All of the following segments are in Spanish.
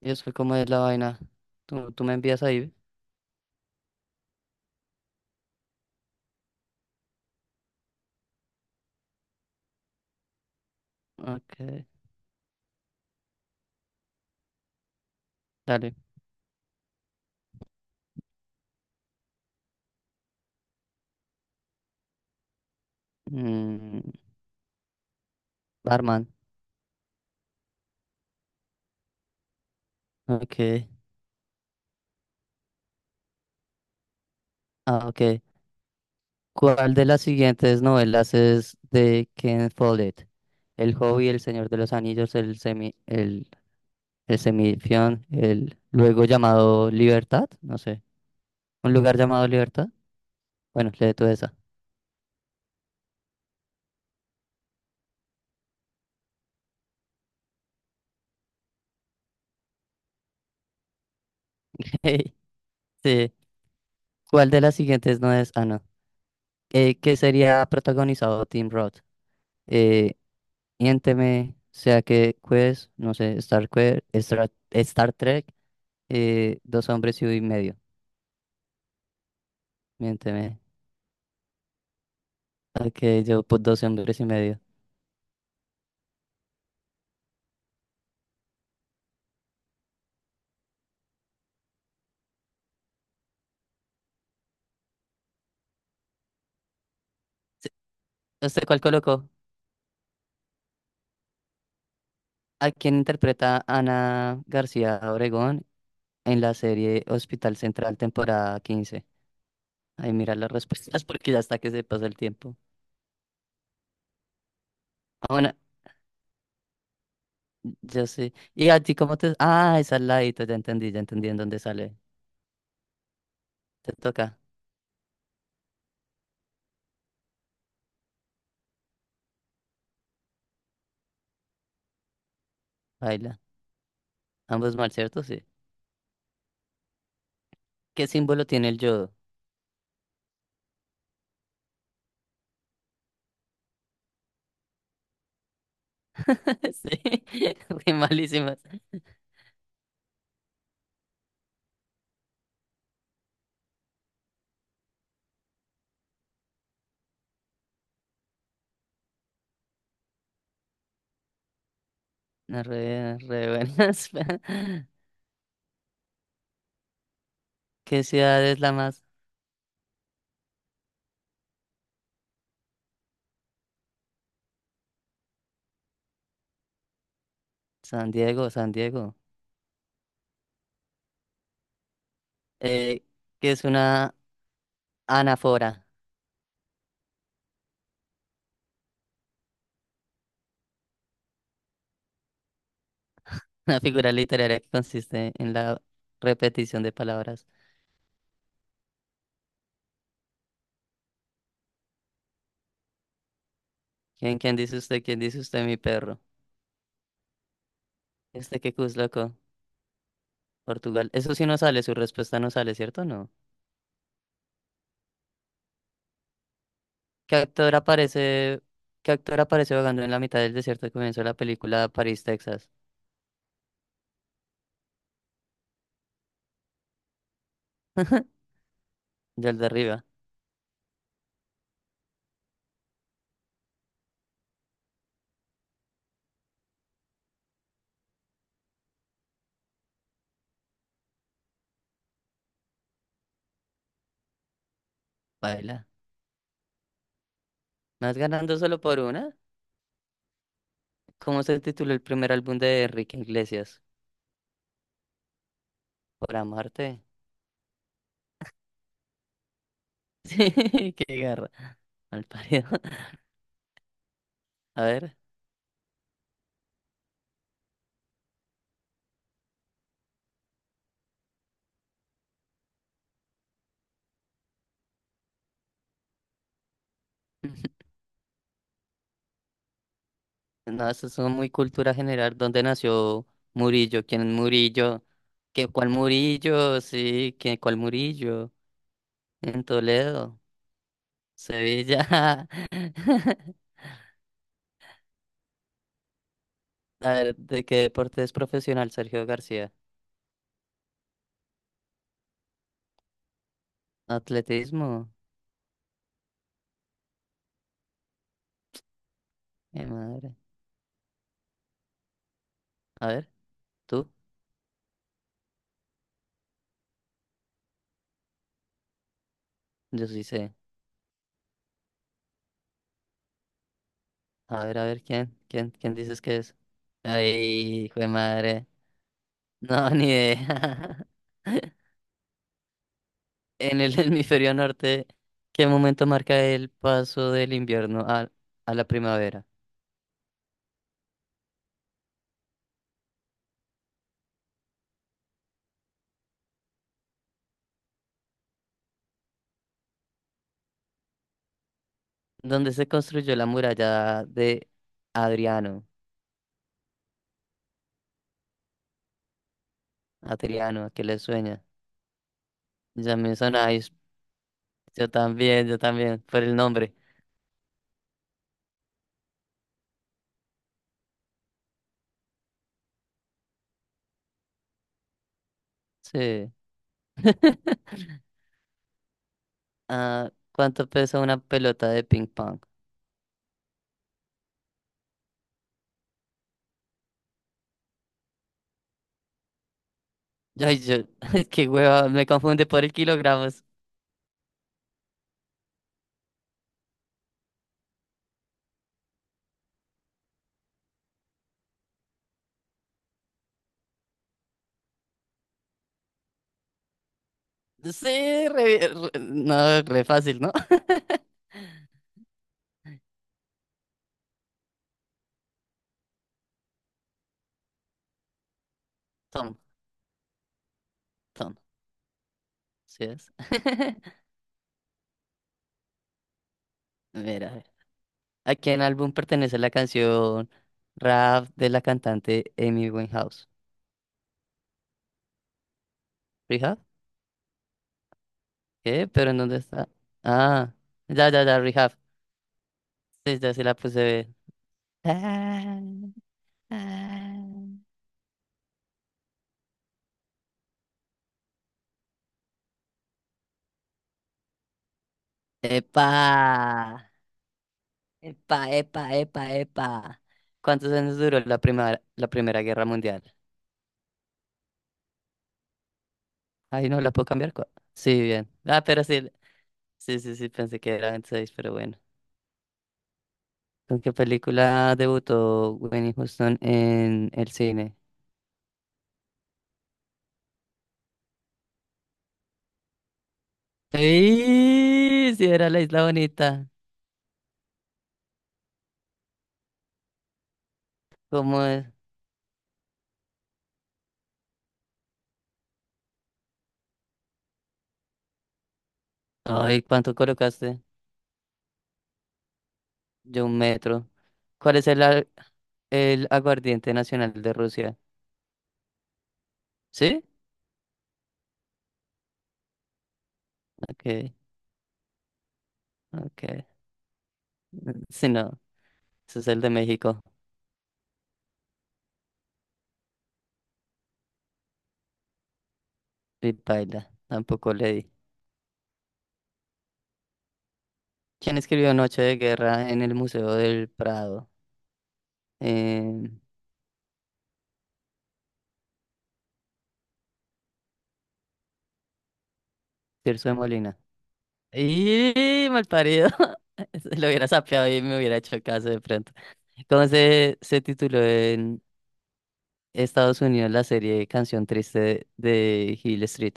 Y después, ¿cómo es la vaina? ¿Tú me envías ahí? Ok, dale. Mm, barman. Ok. Ah, ok. ¿Cuál de las siguientes novelas es de Ken Follett? El Hobbit, El Señor de los Anillos, El Semi, el Semifión, el luego llamado Libertad, no sé. ¿Un lugar llamado Libertad? Bueno, lee tú esa. Sí. ¿Cuál de las siguientes no es? Ah, no. Que sería protagonizado Tim Roth. Eh, Miénteme, sea que Quest, no sé, Star, Star Trek, dos hombres y medio. Miénteme. Ok, yo pues dos hombres y medio. Sí, ¿usted cuál colocó? ¿A quién interpreta Ana García Obregón en la serie Hospital Central, temporada 15? Ay, mira las respuestas porque ya está que se pasa el tiempo. Ah, bueno, yo sé. ¿Y a ti cómo te? Ah, esa es la edito, ya entendí en dónde sale. Te toca, baila. Ambos mal, ¿cierto? Sí. ¿Qué símbolo tiene el yodo? Sí, qué malísimas. No, re buenas. ¿Qué ciudad es la más? San Diego, San Diego. Eh, ¿qué es una anáfora? Una figura literaria que consiste en la repetición de palabras. ¿Quién dice usted? ¿Quién dice usted, mi perro? ¿Este qué cus, loco? Portugal. Eso sí no sale, su respuesta no sale, ¿cierto? No. ¿Qué actor aparece, qué actor aparece vagando en la mitad del desierto al comienzo de la película París, Texas? Ya el de arriba, baila. ¿Más ganando solo por una? ¿Cómo se tituló el primer álbum de Enrique Iglesias? Por amarte. Sí, qué garra. Mal parido. A ver. No, eso es muy cultura general. ¿Dónde nació Murillo? ¿Quién es Murillo? ¿Cuál Murillo? Sí, ¿cuál Murillo? En Toledo, Sevilla. A ver, ¿de qué deporte es profesional Sergio García? Atletismo. Mi madre. A ver, tú. Yo sí sé. A ver, ¿quién? ¿Quién? ¿Quién dices que es? Ay, hijo de madre. No, ni idea. En el hemisferio norte, ¿qué momento marca el paso del invierno a la primavera? ¿Dónde se construyó la muralla de Adriano? Adriano, ¿a qué le sueña? Ya me sonáis. Yo también, por el nombre. Sí. Ah, ¿cuánto pesa una pelota de ping pong? Ay, yo, qué hueva, me confunde por el kilogramos. Sí, no, re fácil, ¿no? Tom, Tom, ¿sí es? Mira, ¿a quién álbum pertenece la canción Rap de la cantante Amy Winehouse? ¿Rehab? ¿Qué? ¿Pero en dónde está? Ah, ya, ya, ya, Rehab. Sí, ya se la puse. Ah, ah. ¡Epa! Epa, epa, epa, epa. ¿Cuántos años duró la Primera Guerra Mundial? Ay, no, la puedo cambiar. Sí, bien. Ah, pero sí, sí, sí, sí, pensé que era 26, pero bueno. ¿Con qué película debutó Winnie Houston en el cine? ¡Sí! Sí, era La Isla Bonita. ¿Cómo es? Ay, ¿cuánto colocaste? Yo un metro. ¿Cuál es el aguardiente nacional de Rusia? ¿Sí? Ok, ok. Si no, ese es el de México. Y paila, tampoco le di. ¿Quién escribió Noche de Guerra en el Museo del Prado? Eh, Tirso de Molina. ¡Y malparido! Lo hubiera sapeado y me hubiera hecho caso de pronto. ¿Cómo se tituló en Estados Unidos la serie Canción Triste de Hill Street?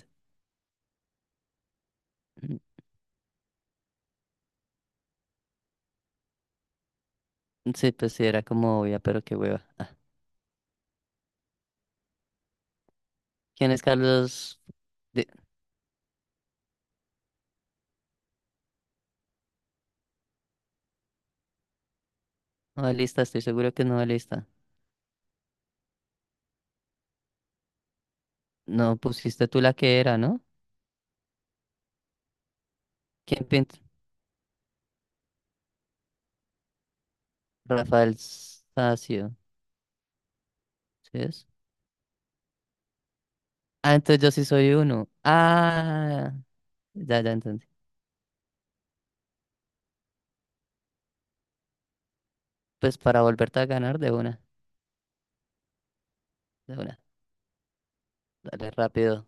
Mm, Sí, pues sí, era como obvia, pero qué hueva. ¿Quién es Carlos? De. Novelista, estoy seguro que es novelista. No pusiste tú la que era, ¿no? ¿Quién pintó? Rafael Sanzio. ¿Sí ves? Ah, entonces yo sí soy uno. Ah, ya entendí. Pues para volverte a ganar de una, de una. Dale rápido.